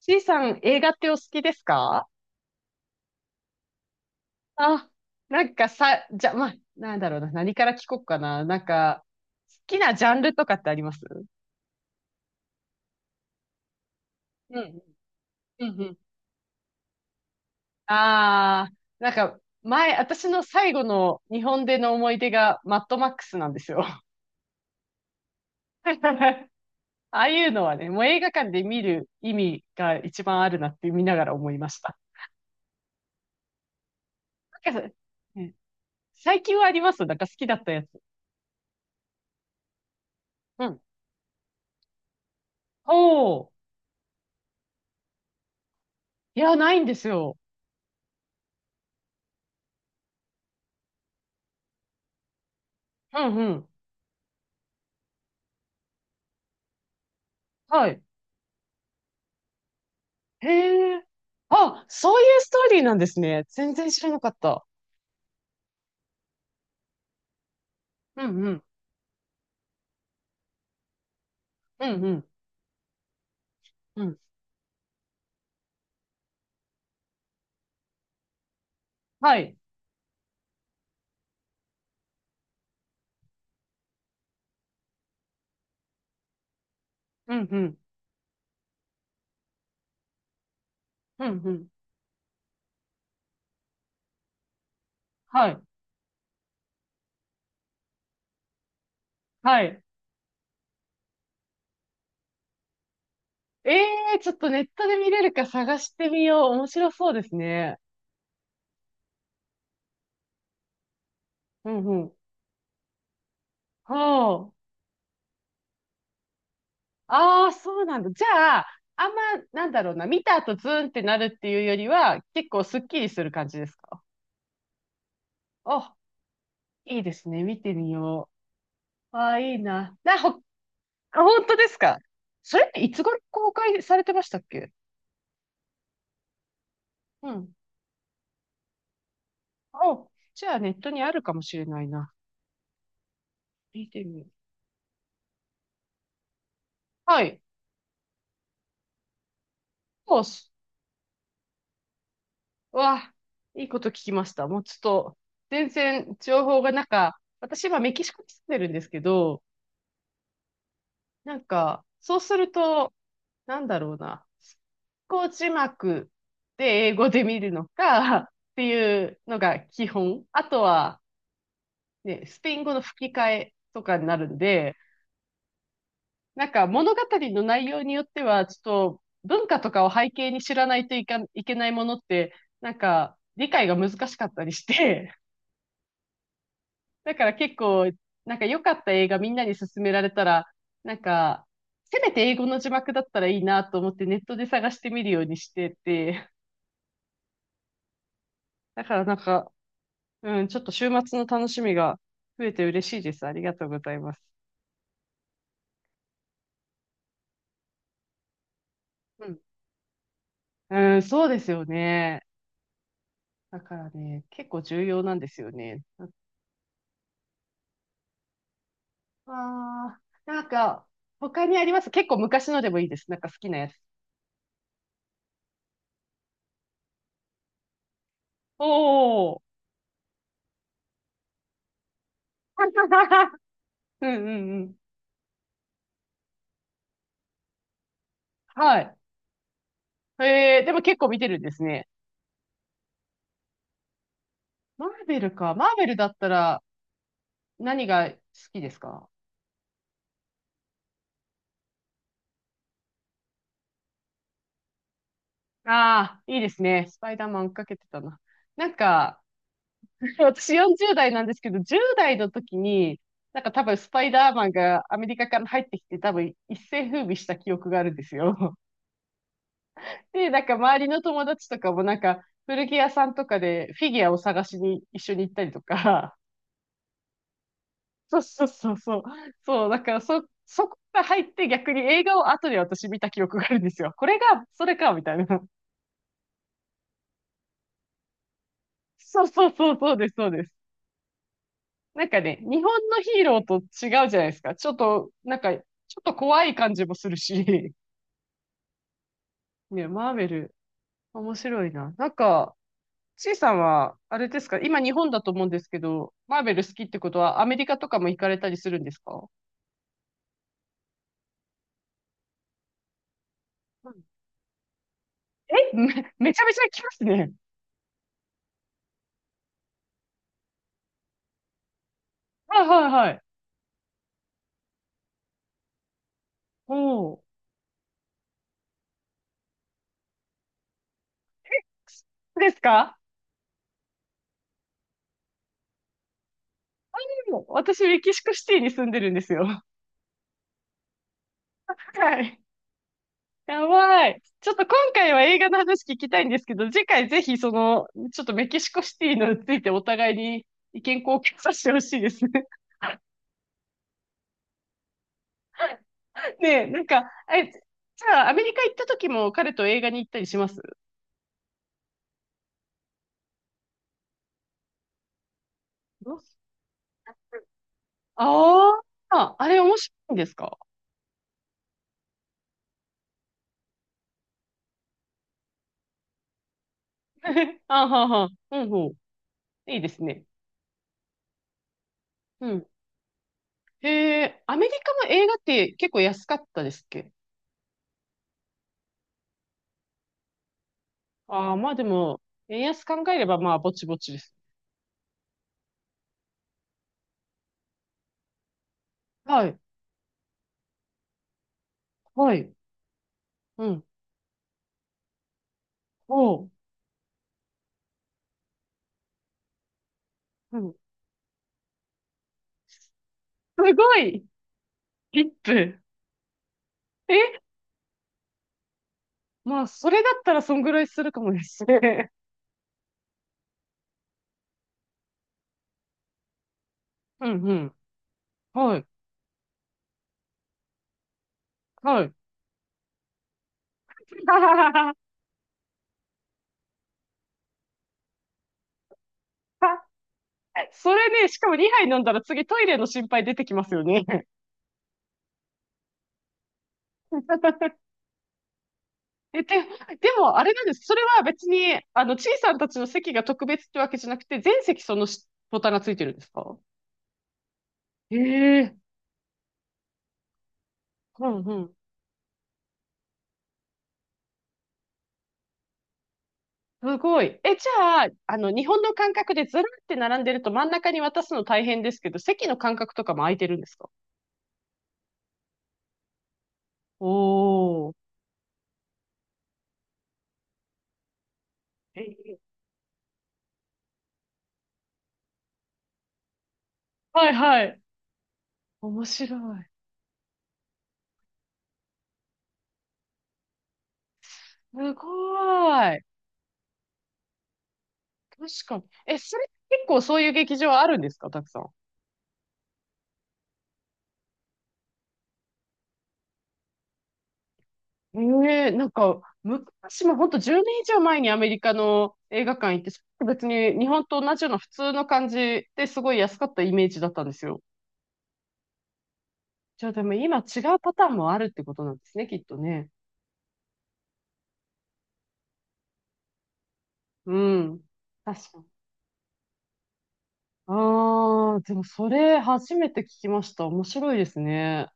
C さん、映画ってお好きですか？あ、なんかさ、じゃ、まあ、なんだろうな、何から聞こうかな。好きなジャンルとかってあります？うん、うん、うん。ああ、前、私の最後の日本での思い出がマッドマックスなんですよ。ああいうのはね、もう映画館で見る意味が一番あるなって見ながら思いました。なんか、ね最近はあります？なんか好きだったやつ。うん。おー、いや、ないんですよ。うんうん。はい。へえ。あ、そういうストーリーなんですね。全然知らなかった。うんうん。うんうん。うん。はい。うんうん。うんうん。はい。はい。ええ、ちょっとネットで見れるか探してみよう。面白そうですね。うんうん。ほう。ああ、そうなんだ。じゃあ、あんま、なんだろうな。見た後ズーンってなるっていうよりは、結構スッキリする感じですか？あ、いいですね。見てみよう。ああ、いいな。あ、本当ですか？それっていつ頃公開されてましたっけ？うん。あ、じゃあネットにあるかもしれないな。見てみよう。はい。そうっす。うわ、いいこと聞きました。もうちょっと、全然情報がなんか、私今メキシコに住んでるんですけど、なんか、そうすると、なんだろうな。こう字幕で英語で見るのかっていうのが基本。あとは、ね、スペイン語の吹き替えとかになるんで、なんか物語の内容によっては、ちょっと文化とかを背景に知らないといけないものって、なんか理解が難しかったりして、だから結構、なんか良かった映画みんなに勧められたら、なんか、せめて英語の字幕だったらいいなと思ってネットで探してみるようにしてて、だからなんか、うん、ちょっと週末の楽しみが増えて嬉しいです。ありがとうございます。うん、うん、そうですよね。だからね、結構重要なんですよね。ああ、他にあります？結構昔のでもいいです。なんか好きなやつ。おお。うんうんうん。はい。えー、でも結構見てるんですね。マーベルか。マーベルだったら何が好きですか？ああー、いいですね。スパイダーマン追っかけてたな。なんか、私40代なんですけど、10代の時に、なんか多分スパイダーマンがアメリカから入ってきて多分一世風靡した記憶があるんですよ。で、なんか周りの友達とかもなんか古着屋さんとかでフィギュアを探しに一緒に行ったりとか、そうそうそうそう、そう、だからそ、そこが入って逆に映画を後で私見た記憶があるんですよ。これが、それか、みたいな。そうそうそう、そうです、そうです。なんかね、日本のヒーローと違うじゃないですか。ちょっと怖い感じもするし、ね、マーベル、面白いな。ちいさんは、あれですか、今日本だと思うんですけど、マーベル好きってことはアメリカとかも行かれたりするんですか？うん、え、め、めちゃめちゃ行きますね。はいはいはい。おお。そうですか？でも私、メキシコシティに住んでるんですよ。はい。やばい。ちょっと今回は映画の話聞きたいんですけど、次回ぜひその、ちょっとメキシコシティのついてお互いに意見交換させてほしいですね。ねえ、じゃあアメリカ行った時も彼と映画に行ったりします？ああ、あれ面白いんですか？ あははは。うんうん。いいですね。うん。へえ、アメリカの映画って結構安かったですっけ？ああー、まあでも、円安考えればまあぼちぼちです。はい。はい。うん。おう。うん。すごいリップ。え、まあ、それだったらそんぐらいするかもですね。うんうん。はい。はい。それね、しかも2杯飲んだら次トイレの心配出てきますよね。え、で、でも、あれなんです。それは別に、あの、ちいさんたちの席が特別ってわけじゃなくて、全席そのボタンがついてるんですか？ええ、うんうん。すごい。え、じゃあ、あの、日本の感覚でずらって並んでると真ん中に渡すの大変ですけど、席の間隔とかも空いてるんですか？おー。えー、はいはい。面白い。すごい。確かに。え、それ結構そういう劇場あるんですか？たくさん。ええ、なんか、昔も本当10年以上前にアメリカの映画館行って、それ別に日本と同じような普通の感じですごい安かったイメージだったんですよ。じゃあでも今違うパターンもあるってことなんですね、きっとね。うん。確かに。ああ、でもそれ初めて聞きました。面白いですね。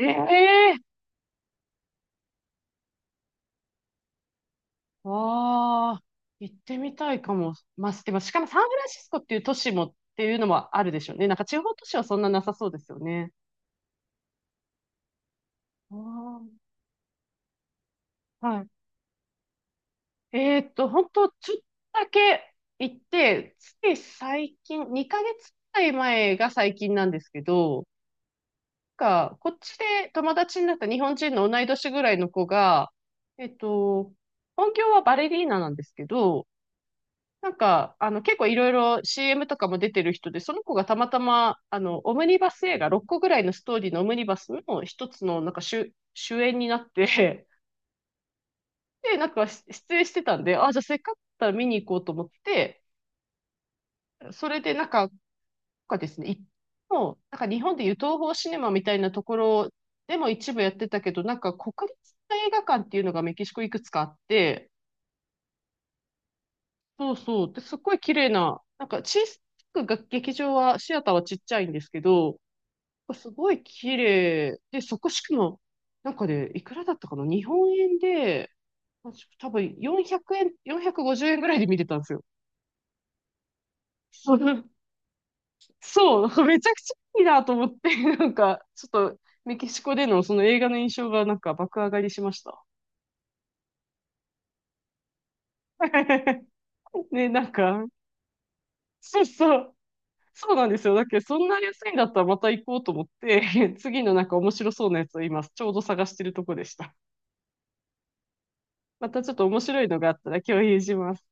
ええ、ああ、行ってみたいかも。まあ、でもしかもサンフランシスコっていう都市もっていうのもあるでしょうね。なんか地方都市はそんななさそうですよね。あー、はい。えーっと、本当ちょっとだけ行って、つい最近、2ヶ月くらい前が最近なんですけど、なんかこっちで友達になった日本人の同い年ぐらいの子が、えっと、本業はバレリーナなんですけど、あの、結構いろいろ CM とかも出てる人で、その子がたまたま、あの、オムニバス映画、6個ぐらいのストーリーのオムニバスの一つの、主演になって、で、なんかし出演してたんで、あ、じゃあせっかくだったら見に行こうと思って、それでなんか、なんかですね、いもう、なんか日本でいう東宝シネマみたいなところでも一部やってたけど、なんか国立映画館っていうのがメキシコいくつかあって、そうそう、で、すっごい綺麗な、なんか小さくが劇場は、シアターはちっちゃいんですけど、すごい綺麗で、そこしかも、なんかね、いくらだったかな日本円で、多分400円、450円ぐらいで見れたんですよ。そうそう、めちゃくちゃいいなと思って、なんか、ちょっと、メキシコでのその映画の印象がなんか爆上がりしました。ね、なんか、そうそう、そうなんですよ。だけど、そんな安いんだったらまた行こうと思って、次のなんか面白そうなやつを今、ちょうど探してるとこでした。またちょっと面白いのがあったら共有します。